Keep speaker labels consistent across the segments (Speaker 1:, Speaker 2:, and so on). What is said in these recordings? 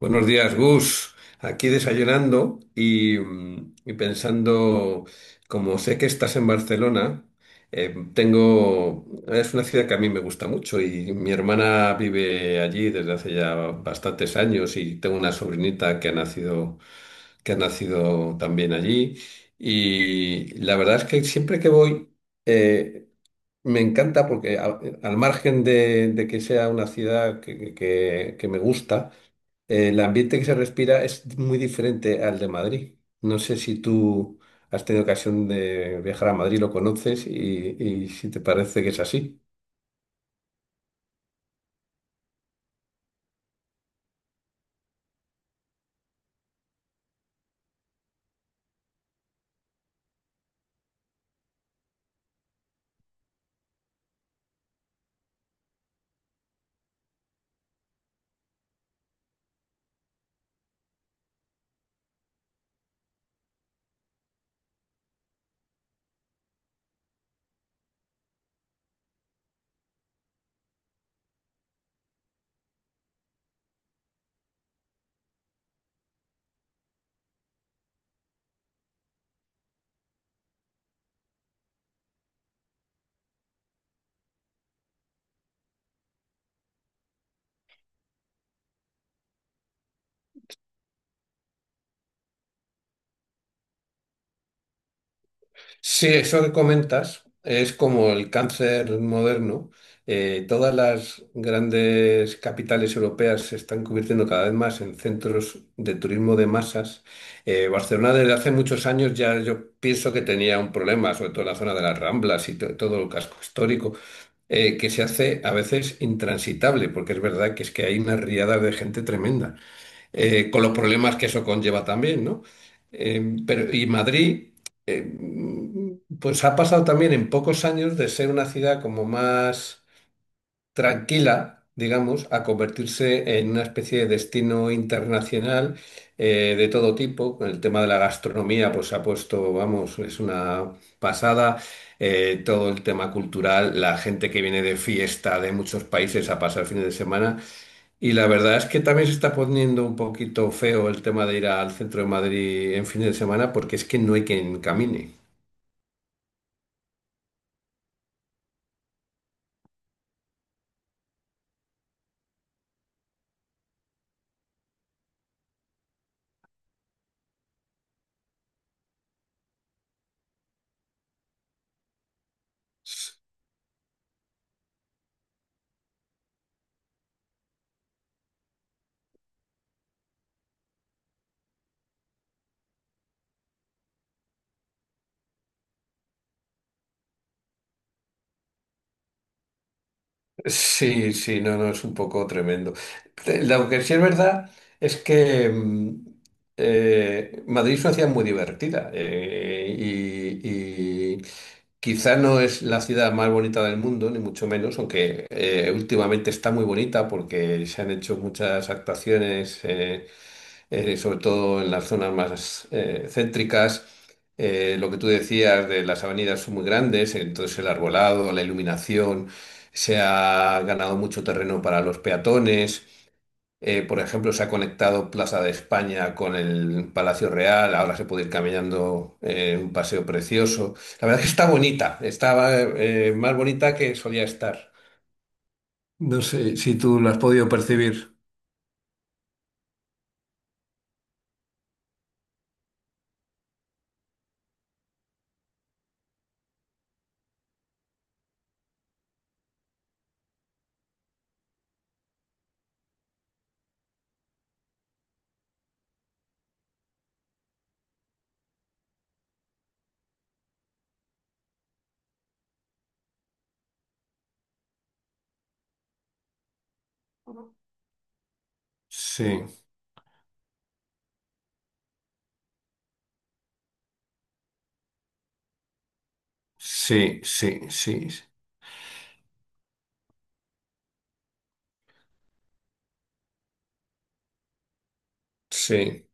Speaker 1: Buenos días, Gus. Aquí desayunando y, y pensando, como sé que estás en Barcelona, tengo, es una ciudad que a mí me gusta mucho y mi hermana vive allí desde hace ya bastantes años y tengo una sobrinita que ha nacido también allí. Y la verdad es que siempre que voy, eh, me encanta porque al margen de que sea una ciudad que me gusta, el ambiente que se respira es muy diferente al de Madrid. No sé si tú has tenido ocasión de viajar a Madrid, lo conoces y si te parece que es así. Sí, eso que comentas es como el cáncer moderno. Todas las grandes capitales europeas se están convirtiendo cada vez más en centros de turismo de masas. Barcelona desde hace muchos años ya yo pienso que tenía un problema, sobre todo en la zona de las Ramblas y todo el casco histórico. Que se hace a veces intransitable, porque es verdad que es que hay unas riadas de gente tremenda, con los problemas que eso conlleva también, ¿no? Pero, y Madrid, eh, pues ha pasado también en pocos años de ser una ciudad como más tranquila, digamos, a convertirse en una especie de destino internacional de todo tipo. El tema de la gastronomía, pues se ha puesto, vamos, es una pasada. Todo el tema cultural, la gente que viene de fiesta de muchos países a pasar fines de semana. Y la verdad es que también se está poniendo un poquito feo el tema de ir al centro de Madrid en fines de semana porque es que no hay quien camine. Sí, sí, no, no, es un poco tremendo. Lo que sí es verdad es que Madrid es una ciudad muy divertida y quizá no es la ciudad más bonita del mundo, ni mucho menos, aunque últimamente está muy bonita porque se han hecho muchas actuaciones. Sobre todo en las zonas más céntricas. Lo que tú decías de las avenidas son muy grandes, entonces el arbolado, la iluminación, se ha ganado mucho terreno para los peatones. Por ejemplo, se ha conectado Plaza de España con el Palacio Real, ahora se puede ir caminando un paseo precioso. La verdad es que está bonita, está más bonita que solía estar. No sé si tú lo has podido percibir. Sí, sí, sí, sí, sí.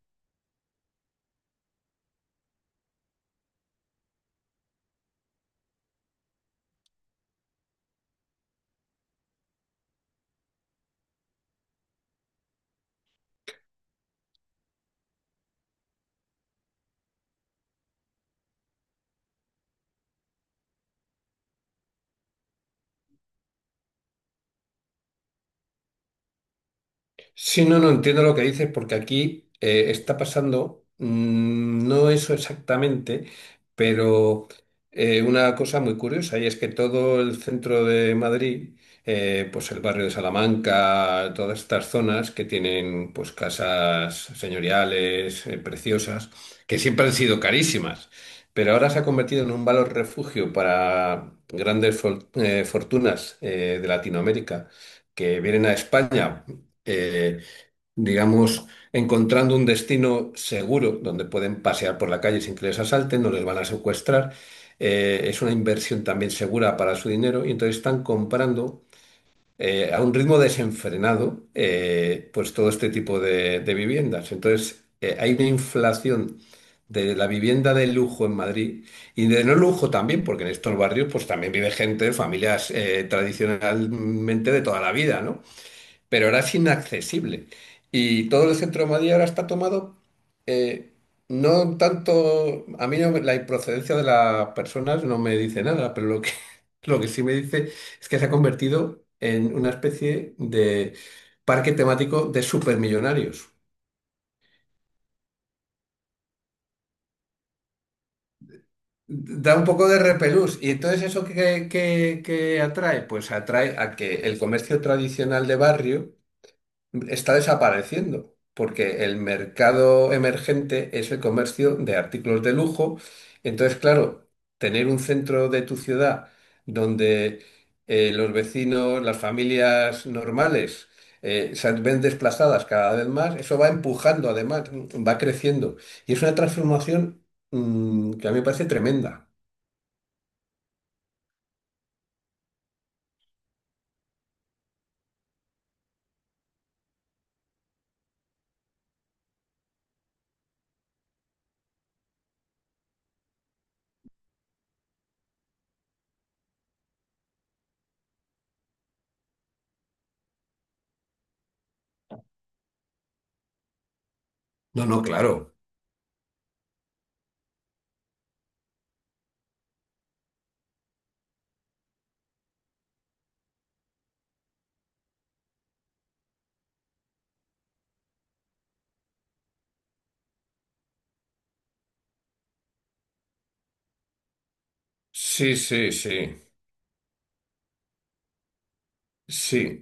Speaker 1: Sí, no, no entiendo lo que dices, porque aquí está pasando, no eso exactamente, pero una cosa muy curiosa, y es que todo el centro de Madrid, pues el barrio de Salamanca, todas estas zonas que tienen pues casas señoriales, preciosas, que siempre han sido carísimas, pero ahora se ha convertido en un valor refugio para grandes fortunas de Latinoamérica que vienen a España eh, digamos, encontrando un destino seguro donde pueden pasear por la calle sin que les asalten, no les van a secuestrar. Es una inversión también segura para su dinero y entonces están comprando a un ritmo desenfrenado pues todo este tipo de viviendas. Entonces hay una inflación de la vivienda de lujo en Madrid y de no lujo también, porque en estos barrios pues también vive gente, familias tradicionalmente de toda la vida, ¿no? Pero ahora es inaccesible. Y todo el centro de Madrid ahora está tomado, eh, no tanto, a mí no la procedencia de las personas no me dice nada, pero lo que, lo que sí me dice es que se ha convertido en una especie de parque temático de supermillonarios. Da un poco de repelús. ¿Y entonces eso qué, qué atrae? Pues atrae a que el comercio tradicional de barrio está desapareciendo, porque el mercado emergente es el comercio de artículos de lujo. Entonces, claro, tener un centro de tu ciudad donde los vecinos, las familias normales, se ven desplazadas cada vez más, eso va empujando, además, va creciendo. Y es una transformación que a mí me parece tremenda. No, no, claro. Sí, sí, sí, sí.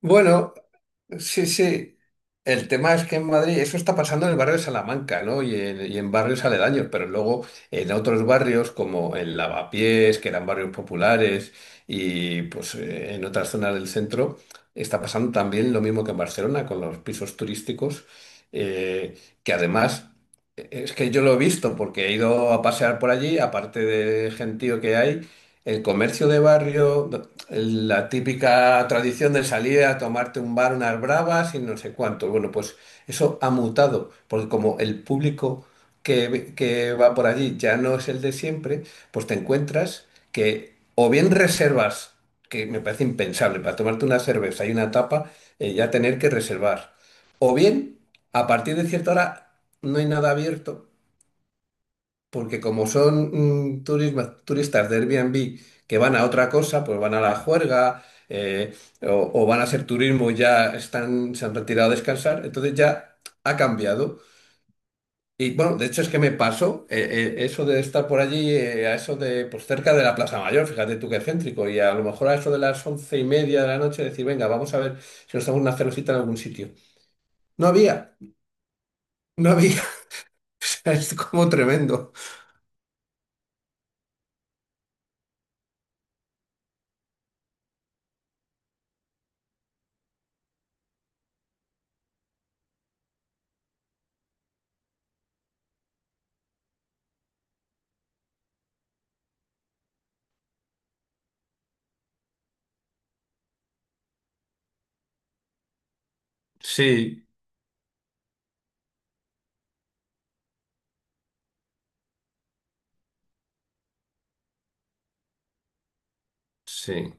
Speaker 1: Bueno, sí, sí. El tema es que en Madrid eso está pasando en el barrio de Salamanca, ¿no? Y en barrios aledaños, pero luego en otros barrios como en Lavapiés, que eran barrios populares, y pues en otras zonas del centro, está pasando también lo mismo que en Barcelona con los pisos turísticos, eh, que además es que yo lo he visto porque he ido a pasear por allí, aparte del gentío que hay, el comercio de barrio la típica tradición de salir a tomarte un bar, unas bravas y no sé cuánto. Bueno, pues eso ha mutado, porque como el público que, que va por allí ya no es el de siempre, pues te encuentras que o bien reservas, que me parece impensable, para tomarte una cerveza y una tapa, ya tener que reservar, o bien a partir de cierta hora no hay nada abierto porque como son turistas de Airbnb que van a otra cosa, pues van a la juerga o van a hacer turismo, ya están, se han retirado a descansar, entonces ya ha cambiado. Y bueno, de hecho es que me pasó eso de estar por allí, a eso de, pues cerca de la Plaza Mayor, fíjate tú qué céntrico, y a lo mejor a eso de las 11:30 de la noche decir, venga, vamos a ver si nos damos una cervecita en algún sitio. No había, o sea, es como tremendo. Sí, sí.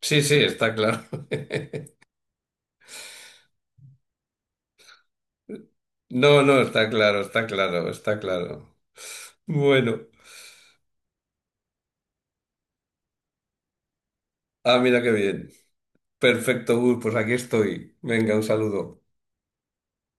Speaker 1: Sí, sí, está claro. No, no, está claro, está claro, está claro. Bueno, ah, mira qué bien. Perfecto, Gus, pues aquí estoy. Venga, un saludo.